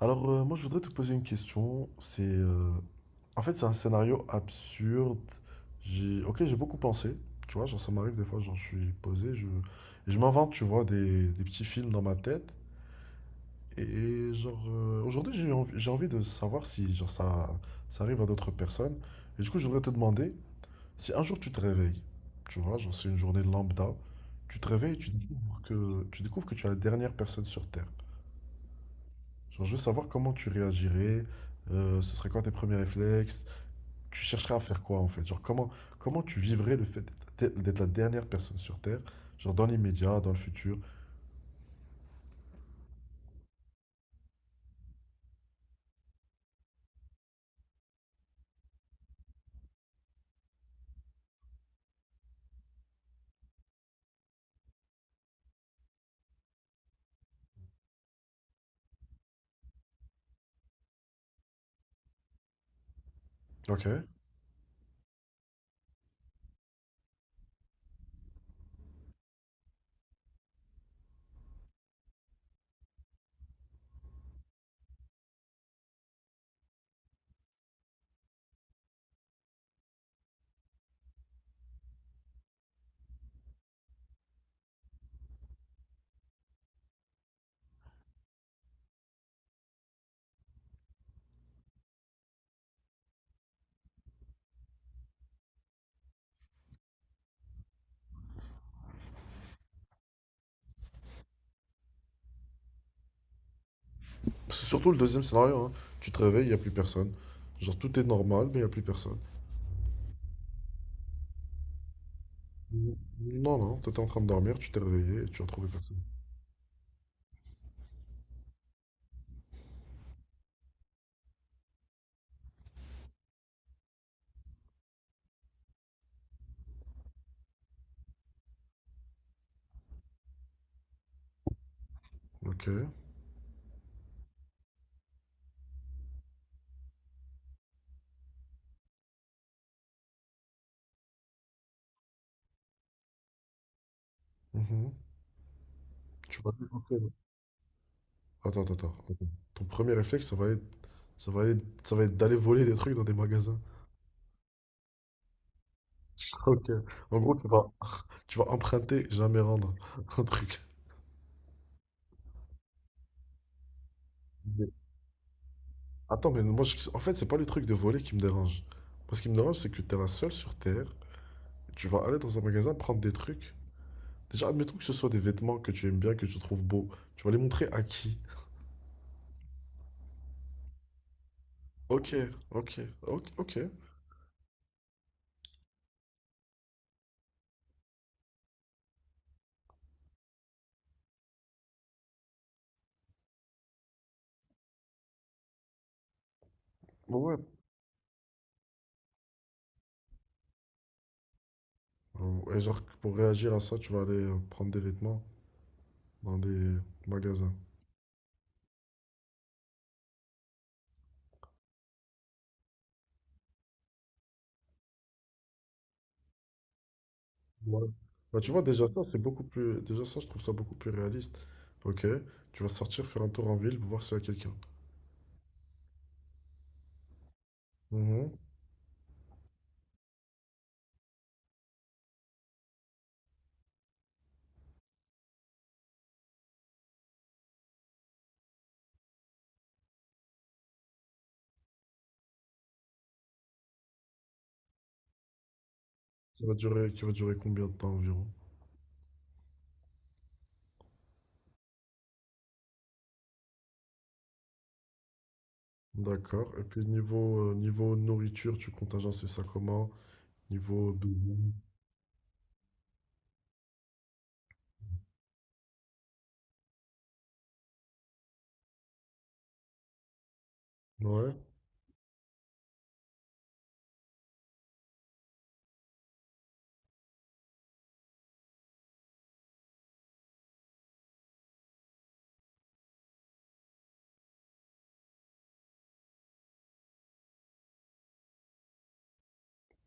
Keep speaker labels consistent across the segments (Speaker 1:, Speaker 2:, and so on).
Speaker 1: Alors, moi, je voudrais te poser une question. C'est, en fait, c'est un scénario absurde. J'ai, ok, j'ai beaucoup pensé. Tu vois, genre, ça m'arrive des fois, genre, je suis posé, et je m'invente, tu vois, des petits films dans ma tête. Et genre, aujourd'hui, j'ai envie de savoir si, genre, ça arrive à d'autres personnes. Et du coup, je voudrais te demander si un jour tu te réveilles, tu vois, genre, c'est une journée lambda, tu te réveilles et tu découvres tu découvres que tu es la dernière personne sur Terre. Genre, je veux savoir comment tu réagirais, ce serait quoi tes premiers réflexes, tu chercherais à faire quoi en fait? Genre, comment tu vivrais le fait d'être la dernière personne sur Terre, genre dans l'immédiat, dans le futur. Ok. C'est surtout le deuxième scénario, hein. Tu te réveilles, il n'y a plus personne. Genre, tout est normal, mais il n'y a plus personne. Non, non, t'étais en train de dormir, tu t'es réveillé et tu as trouvé personne. Ok. Mhm. Tu vas dépenser, là. Attends. Ton premier réflexe, ça va être, ça va être d'aller voler des trucs dans des magasins. Ok. En gros, tu vas, tu vas emprunter, jamais rendre un truc. Mais- Attends, mais moi, en fait, c'est pas le truc de voler qui me dérange. Moi, ce qui me dérange, c'est que t'es la seule sur Terre. Tu vas aller dans un magasin prendre des trucs. Déjà, admettons que ce soit des vêtements que tu aimes bien, que tu trouves beaux. Tu vas les montrer à qui? Ok, ok. Ouais. Et genre, pour réagir à ça, tu vas aller prendre des vêtements dans des magasins. Ouais. Bah, tu vois, déjà ça, c'est beaucoup plus. Déjà ça, je trouve ça beaucoup plus réaliste. Ok, tu vas sortir, faire un tour en ville, voir s'il y a quelqu'un. Mhm. Qui va durer combien de temps environ? D'accord. Et puis niveau nourriture, tu comptes agencer ça comment? Niveau doudou. Ouais,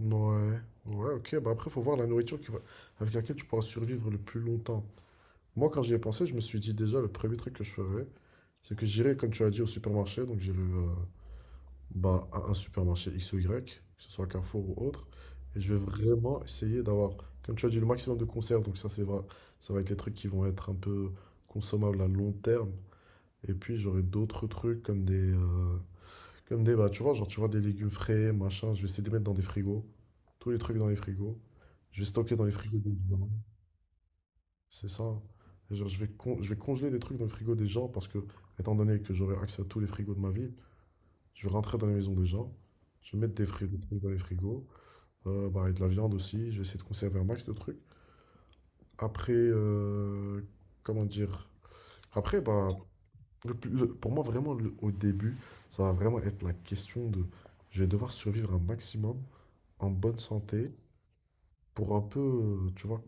Speaker 1: ouais, ouais, ok. Bah après, faut voir la nourriture qui va... avec laquelle tu pourras survivre le plus longtemps. Moi, quand j'y ai pensé, je me suis dit déjà, le premier truc que je ferais, c'est que j'irai, comme tu as dit, au supermarché. Donc j'irai. Bah, à un supermarché X ou Y, que ce soit Carrefour ou autre. Et je vais vraiment essayer d'avoir, comme tu as dit, le maximum de conserves. Donc ça, c'est vrai, ça va être les trucs qui vont être un peu consommables à long terme. Et puis j'aurai d'autres trucs comme des, bah, tu vois, genre tu vois des légumes frais, machin. Je vais essayer de les mettre dans des frigos, tous les trucs dans les frigos. Je vais stocker dans les frigos des gens. C'est ça. Et genre, je vais congeler des trucs dans le frigo des gens parce que, étant donné que j'aurai accès à tous les frigos de ma ville, je vais rentrer dans les maisons des gens. Je vais mettre des trucs dans les frigos. Bah, et de la viande aussi. Je vais essayer de conserver un max de trucs. Après, comment dire? Après, bah, pour moi, vraiment, au début, ça va vraiment être la question de... Je vais devoir survivre un maximum en bonne santé pour un peu, tu vois,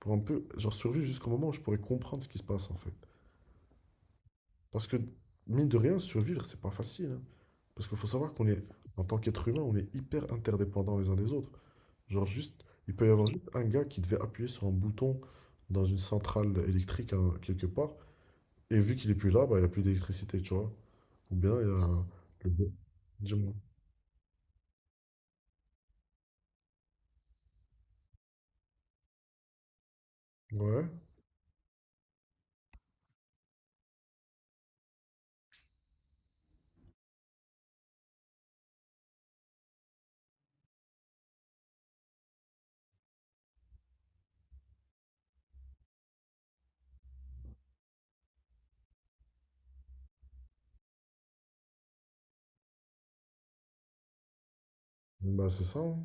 Speaker 1: pour un peu, genre survivre jusqu'au moment où je pourrais comprendre ce qui se passe, en fait. Parce que, mine de rien, survivre, c'est pas facile, hein. Parce qu'il faut savoir en tant qu'être humain, on est hyper interdépendants les uns des autres. Genre juste, il peut y avoir juste un gars qui devait appuyer sur un bouton dans une centrale électrique hein, quelque part, et vu qu'il est plus là, bah, il n'y a plus d'électricité, tu vois. Ou bien il y a le... bo- Dis-moi. Ouais, Bon, bah c'est ça, hein.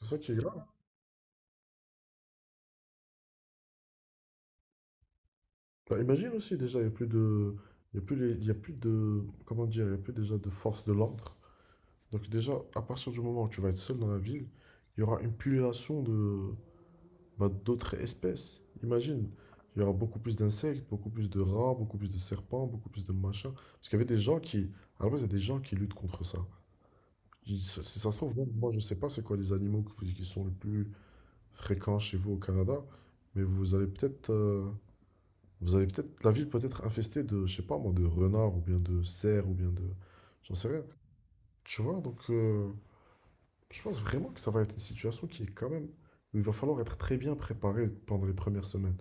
Speaker 1: C'est ça qui est grave. Bah, imagine aussi déjà, il n'y a plus de... il y a plus de... Comment dire? Il n'y a plus déjà de force de l'ordre. Donc déjà, à partir du moment où tu vas être seul dans la ville, il y aura une pullulation de, bah, d'autres espèces. Imagine, il y aura beaucoup plus d'insectes, beaucoup plus de rats, beaucoup plus de serpents, beaucoup plus de machins. Parce qu'il y avait des gens qui, à la base, il y a des gens qui luttent contre ça. Si si ça se trouve, même moi je ne sais pas c'est quoi les animaux qui sont les plus fréquents chez vous au Canada, mais vous allez peut-être, la ville peut être infestée de, je sais pas moi, de renards ou bien de cerfs ou bien de, j'en sais rien. Tu vois, donc je pense vraiment que ça va être une situation qui est quand même où il va falloir être très bien préparé pendant les premières semaines.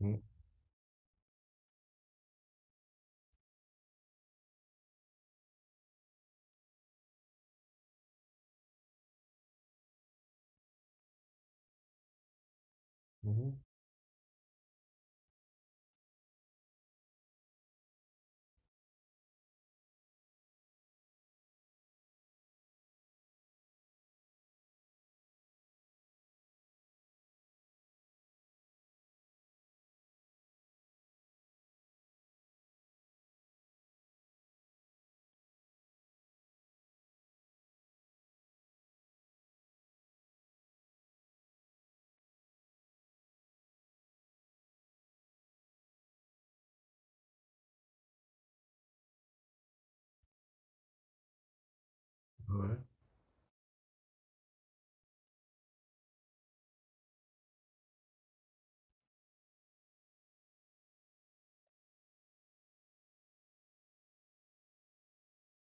Speaker 1: Mhm. Mhm. Ouais,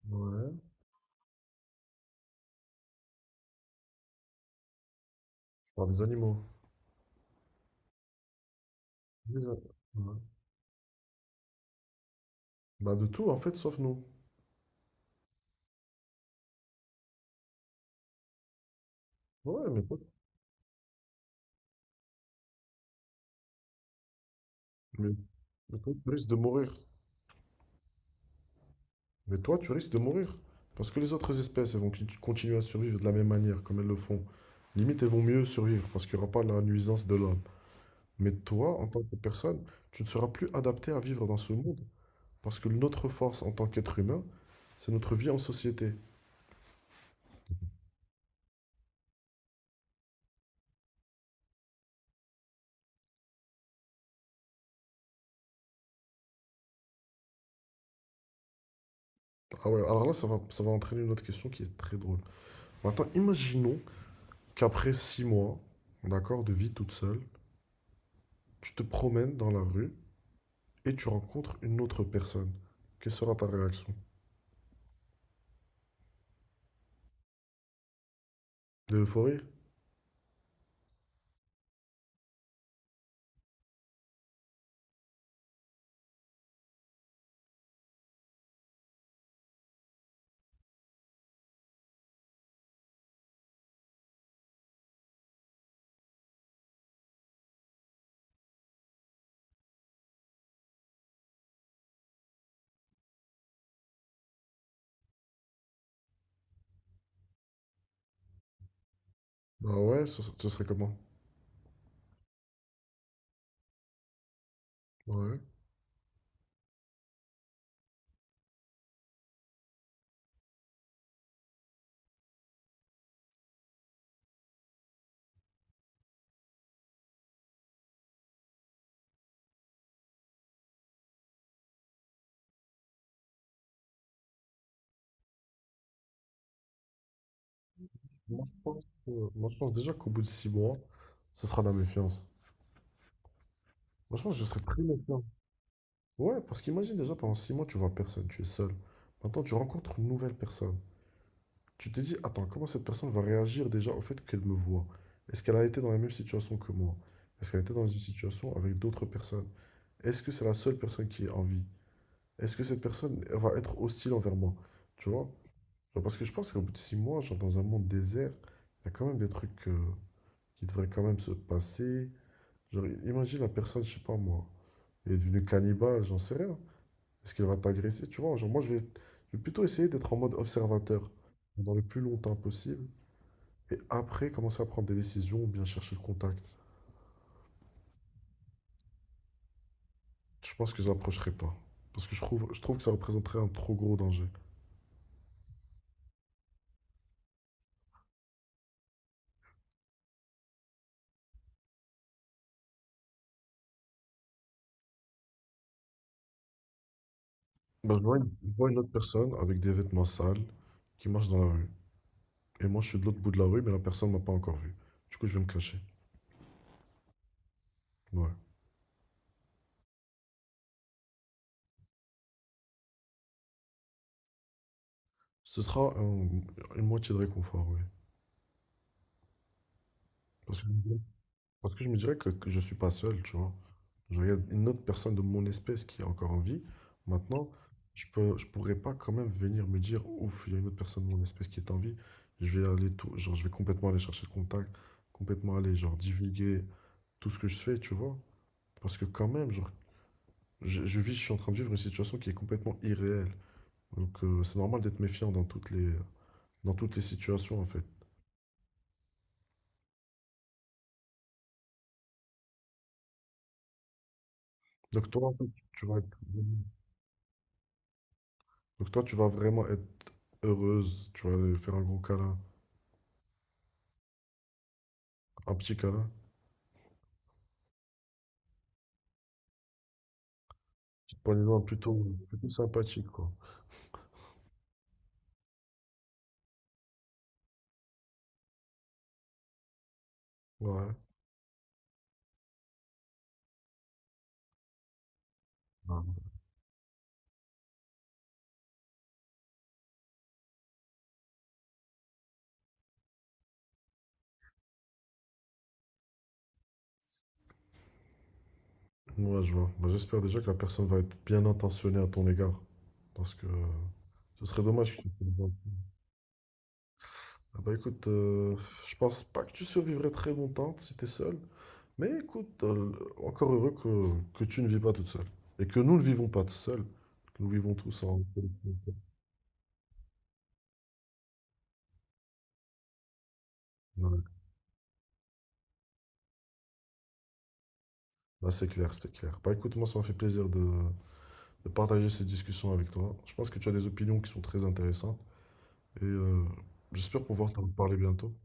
Speaker 1: ouais. Je parle des animaux. Des a- ouais. Bah de tout en fait, sauf nous. Ouais, mais- mais toi, tu risques de mourir. Mais toi, tu risques de mourir. Parce que les autres espèces, elles vont continuer à survivre de la même manière, comme elles le font. Limite, elles vont mieux survivre, parce qu'il n'y aura pas la nuisance de l'homme. Mais toi, en tant que personne, tu ne seras plus adapté à vivre dans ce monde. Parce que notre force en tant qu'être humain, c'est notre vie en société. Ah ouais, alors là, ça va entraîner une autre question qui est très drôle. Maintenant, imaginons qu'après 6 mois, d'accord, de vie toute seule, tu te promènes dans la rue et tu rencontres une autre personne. Quelle sera ta réaction? De l'euphorie? Bah ouais, ce serait comment? Bah ouais. Moi, moi, je pense déjà qu'au bout de 6 mois, ce sera la méfiance. Moi, je pense que je serais très méfiant. Ouais, parce qu'imagine déjà, pendant 6 mois, tu vois personne, tu es seul. Maintenant, tu rencontres une nouvelle personne. Tu t'es dit, attends, comment cette personne va réagir déjà au fait qu'elle me voit? Est-ce qu'elle a été dans la même situation que moi? Est-ce qu'elle a été dans une situation avec d'autres personnes? Est-ce que c'est la seule personne qui est en vie? Est-ce que cette personne elle va être hostile envers moi? Tu vois? Genre, parce que je pense qu'au bout de six mois, genre dans un monde désert, il y a quand même des trucs qui devraient quand même se passer. Genre, imagine la personne, je sais pas moi, elle est devenue cannibale, j'en sais rien. Est-ce qu'elle va t'agresser? Tu vois? Genre, moi, je vais plutôt essayer d'être en mode observateur pendant le plus longtemps possible et après, commencer à prendre des décisions ou bien chercher le contact. Je pense que je n'approcherai pas. Parce que je trouve que ça représenterait un trop gros danger. Ben, je vois une autre personne avec des vêtements sales qui marche dans la rue. Et moi, je suis de l'autre bout de la rue, mais la personne m'a pas encore vu. Du coup, je vais me cacher. Ouais. Ce sera un- une moitié de réconfort, oui. Parce que Parce que je me dirais que je suis pas seul, tu vois. Je regarde une autre personne de mon espèce qui est encore en vie. Maintenant, je pourrais pas quand même venir me dire, ouf, il y a une autre personne de mon espèce qui est en vie. Je vais aller tout, genre, je vais complètement aller chercher le contact, complètement aller, genre, divulguer tout ce que je fais, tu vois. Parce que quand même, genre, je suis en train de vivre une situation qui est complètement irréelle. Donc, c'est normal d'être méfiant dans dans toutes les situations, en fait. Donc, toi, en fait, tu vas être... Donc toi, tu vas vraiment être heureuse, tu vas lui faire un gros câlin, un petit câlin, petite poignée de main plutôt, plutôt sympathique, quoi. Ouais. Ouais, Ouais, je vois. Bah, j'espère déjà que la personne va être bien intentionnée à ton égard, parce que ce serait dommage que tu te fasses- Ah bah écoute, je pense pas que tu survivrais très longtemps si t'es seule, mais écoute, encore heureux que tu ne vis pas toute seule, et que nous ne vivons pas tout seuls, que nous vivons tous en collectivité. Ouais. Bah c'est clair, c'est clair. Bah écoute, moi ça m'a fait plaisir de partager ces discussions avec toi. Je pense que tu as des opinions qui sont très intéressantes et j'espère pouvoir t'en parler bientôt.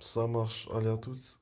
Speaker 1: Ça marche, allez à toutes.